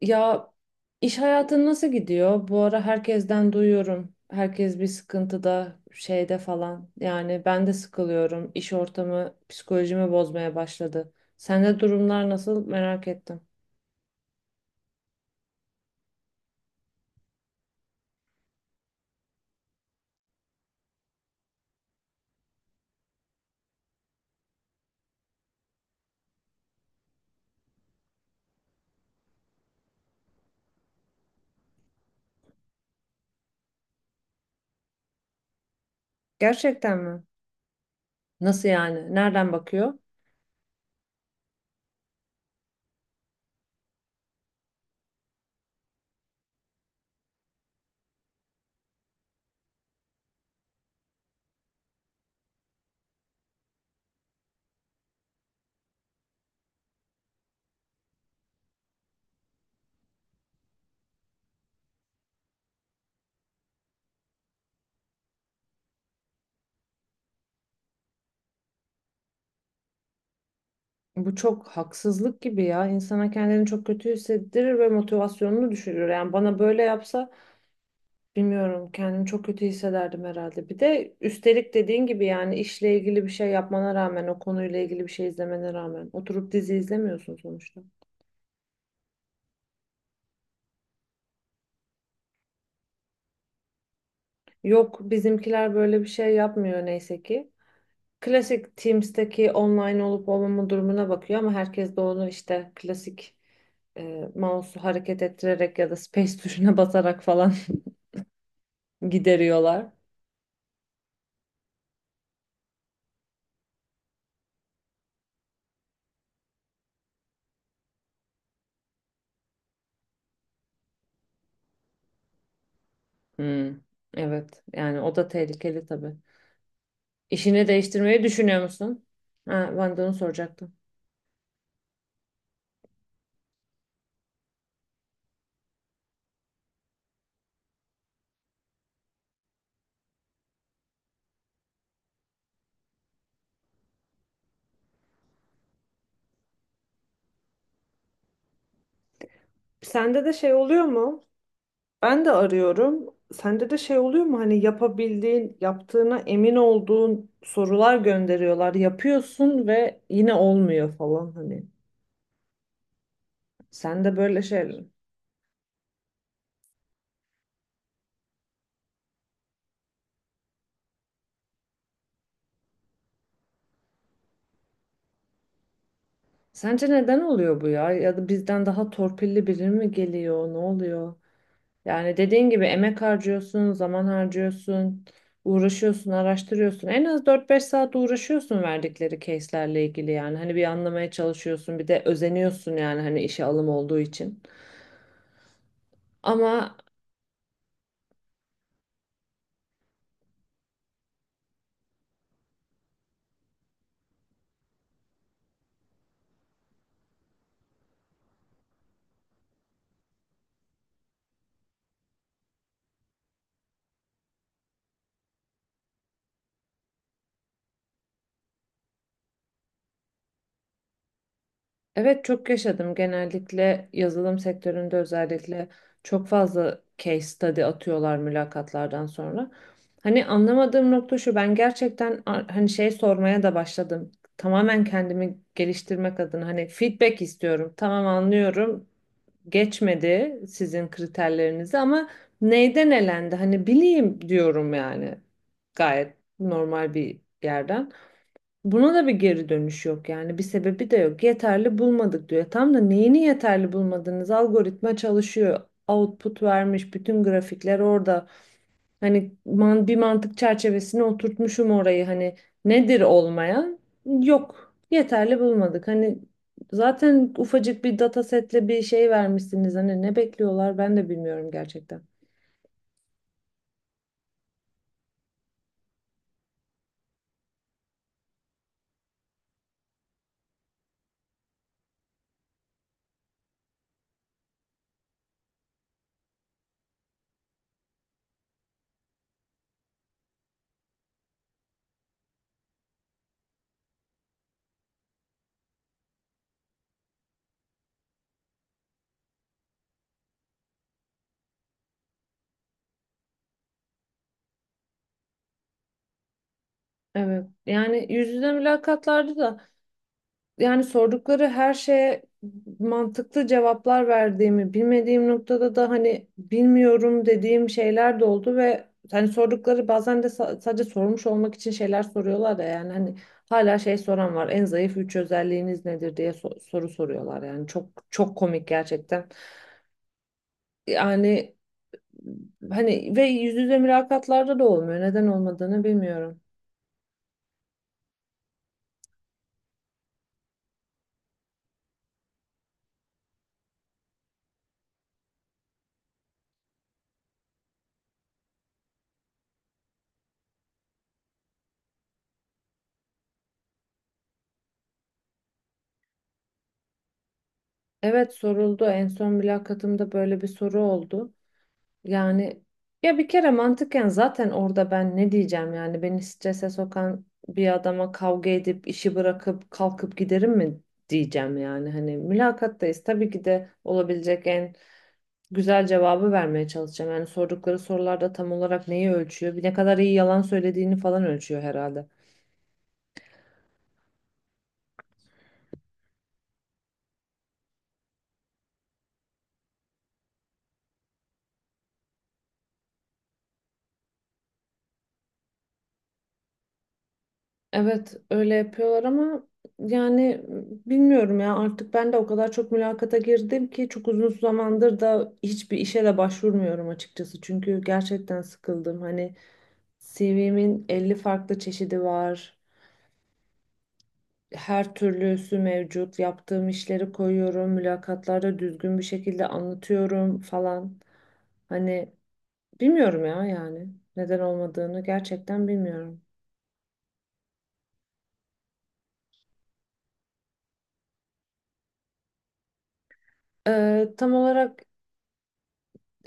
Ya iş hayatın nasıl gidiyor? Bu ara herkesten duyuyorum. Herkes bir sıkıntıda, şeyde falan. Yani ben de sıkılıyorum. İş ortamı psikolojimi bozmaya başladı. Sende durumlar nasıl merak ettim. Gerçekten mi? Nasıl yani? Nereden bakıyor? Bu çok haksızlık gibi ya. İnsana kendini çok kötü hissettirir ve motivasyonunu düşürür. Yani bana böyle yapsa bilmiyorum, kendimi çok kötü hissederdim herhalde. Bir de üstelik dediğin gibi yani işle ilgili bir şey yapmana rağmen o konuyla ilgili bir şey izlemene rağmen oturup dizi izlemiyorsun sonuçta. Yok, bizimkiler böyle bir şey yapmıyor neyse ki. Klasik Teams'teki online olup olmama durumuna bakıyor ama herkes de onu işte klasik mouse'u hareket ettirerek ya da space tuşuna basarak falan gideriyorlar. Hmm, evet yani o da tehlikeli tabii. İşini değiştirmeyi düşünüyor musun? Ha, ben de onu soracaktım. Sende de şey oluyor mu? Ben de arıyorum. Sende de şey oluyor mu? Hani yapabildiğin, yaptığına emin olduğun sorular gönderiyorlar. Yapıyorsun ve yine olmuyor falan hani. Sende böyle şeyler. Sence neden oluyor bu ya? Ya da bizden daha torpilli biri mi geliyor? Ne oluyor? Yani dediğin gibi emek harcıyorsun, zaman harcıyorsun, uğraşıyorsun, araştırıyorsun. En az 4-5 saat uğraşıyorsun verdikleri case'lerle ilgili yani. Hani bir anlamaya çalışıyorsun, bir de özeniyorsun yani hani işe alım olduğu için. Ama. Evet, çok yaşadım. Genellikle yazılım sektöründe özellikle çok fazla case study atıyorlar mülakatlardan sonra. Hani anlamadığım nokta şu, ben gerçekten hani şey sormaya da başladım. Tamamen kendimi geliştirmek adına hani feedback istiyorum. Tamam, anlıyorum. Geçmedi sizin kriterlerinizi ama neyden elendi? Hani bileyim diyorum yani. Gayet normal bir yerden. Buna da bir geri dönüş yok yani bir sebebi de yok. Yeterli bulmadık diyor. Tam da neyini yeterli bulmadınız? Algoritma çalışıyor. Output vermiş. Bütün grafikler orada. Hani bir mantık çerçevesine oturtmuşum orayı. Hani nedir olmayan? Yok. Yeterli bulmadık. Hani zaten ufacık bir datasetle bir şey vermişsiniz. Hani ne bekliyorlar ben de bilmiyorum gerçekten. Evet. Yani yüz yüze mülakatlarda da yani sordukları her şeye mantıklı cevaplar verdiğimi, bilmediğim noktada da hani bilmiyorum dediğim şeyler de oldu ve hani sordukları bazen de sadece sormuş olmak için şeyler soruyorlar da yani hani hala şey soran var. En zayıf üç özelliğiniz nedir diye soru soruyorlar yani çok çok komik gerçekten. Yani hani ve yüz yüze mülakatlarda da olmuyor. Neden olmadığını bilmiyorum. Evet, soruldu. En son mülakatımda böyle bir soru oldu. Yani ya bir kere mantıken zaten orada ben ne diyeceğim yani beni strese sokan bir adama kavga edip işi bırakıp kalkıp giderim mi diyeceğim yani hani mülakattayız, tabii ki de olabilecek en güzel cevabı vermeye çalışacağım. Yani sordukları sorularda tam olarak neyi ölçüyor? Bir ne kadar iyi yalan söylediğini falan ölçüyor herhalde. Evet, öyle yapıyorlar ama yani bilmiyorum ya, artık ben de o kadar çok mülakata girdim ki çok uzun zamandır da hiçbir işe de başvurmuyorum açıkçası. Çünkü gerçekten sıkıldım. Hani CV'min 50 farklı çeşidi var. Her türlüsü mevcut. Yaptığım işleri koyuyorum. Mülakatlarda düzgün bir şekilde anlatıyorum falan. Hani bilmiyorum ya yani neden olmadığını gerçekten bilmiyorum. Tam olarak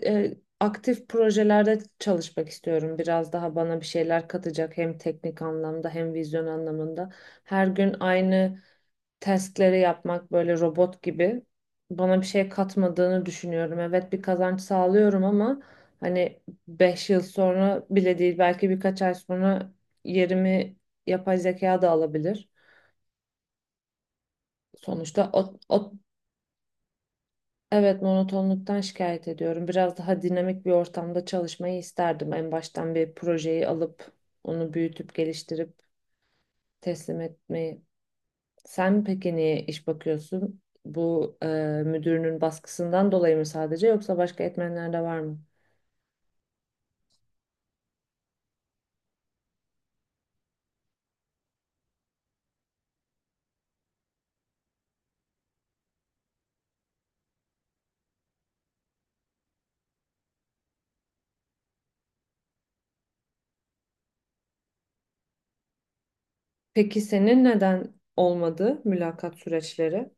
e, aktif projelerde çalışmak istiyorum. Biraz daha bana bir şeyler katacak hem teknik anlamda hem vizyon anlamında. Her gün aynı testleri yapmak böyle robot gibi bana bir şey katmadığını düşünüyorum. Evet, bir kazanç sağlıyorum ama hani 5 yıl sonra bile değil, belki birkaç ay sonra yerimi yapay zeka da alabilir. Sonuçta o. Evet, monotonluktan şikayet ediyorum. Biraz daha dinamik bir ortamda çalışmayı isterdim. En baştan bir projeyi alıp onu büyütüp geliştirip teslim etmeyi. Sen peki niye iş bakıyorsun? Bu müdürünün baskısından dolayı mı sadece yoksa başka etmenler de var mı? Peki senin neden olmadı mülakat süreçleri?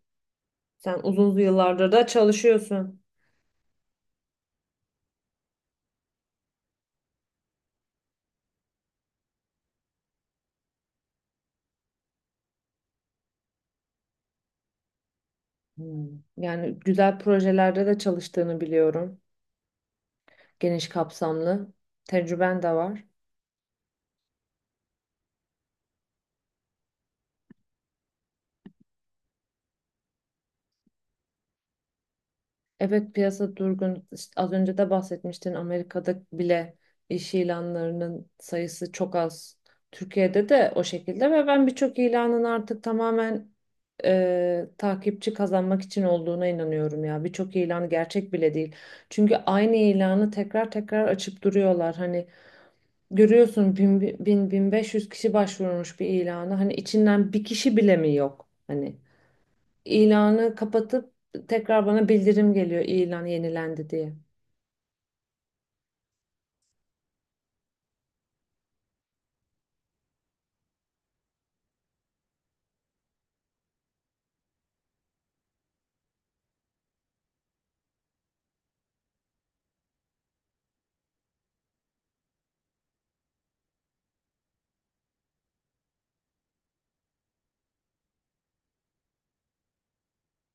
Sen uzun yıllardır da çalışıyorsun. Hmm. Yani güzel projelerde de çalıştığını biliyorum. Geniş kapsamlı. Tecrüben de var. Evet, piyasa durgun. İşte az önce de bahsetmiştin Amerika'da bile iş ilanlarının sayısı çok az. Türkiye'de de o şekilde ve ben birçok ilanın artık tamamen takipçi kazanmak için olduğuna inanıyorum ya. Birçok ilan gerçek bile değil. Çünkü aynı ilanı tekrar tekrar açıp duruyorlar. Hani görüyorsun 1.000, 1.000, 1.500 kişi başvurmuş bir ilana. Hani içinden bir kişi bile mi yok? Hani İlanı kapatıp tekrar bana bildirim geliyor ilan yenilendi diye.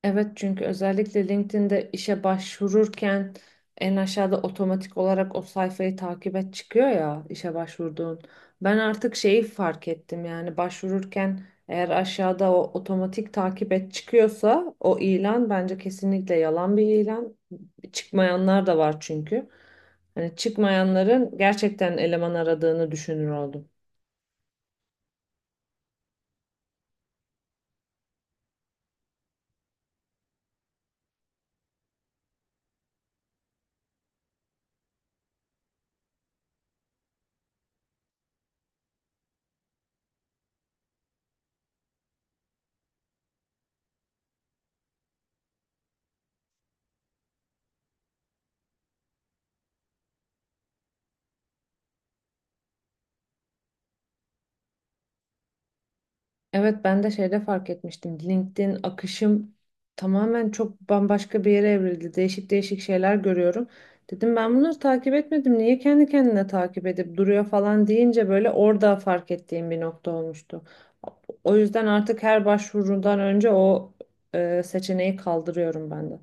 Evet, çünkü özellikle LinkedIn'de işe başvururken en aşağıda otomatik olarak o sayfayı takip et çıkıyor ya işe başvurduğun. Ben artık şeyi fark ettim, yani başvururken eğer aşağıda o otomatik takip et çıkıyorsa o ilan bence kesinlikle yalan bir ilan. Çıkmayanlar da var çünkü. Hani çıkmayanların gerçekten eleman aradığını düşünür oldum. Evet, ben de şeyde fark etmiştim. LinkedIn akışım tamamen çok bambaşka bir yere evrildi. Değişik değişik şeyler görüyorum. Dedim ben bunları takip etmedim. Niye kendi kendine takip edip duruyor falan deyince böyle orada fark ettiğim bir nokta olmuştu. O yüzden artık her başvurudan önce o seçeneği kaldırıyorum ben de.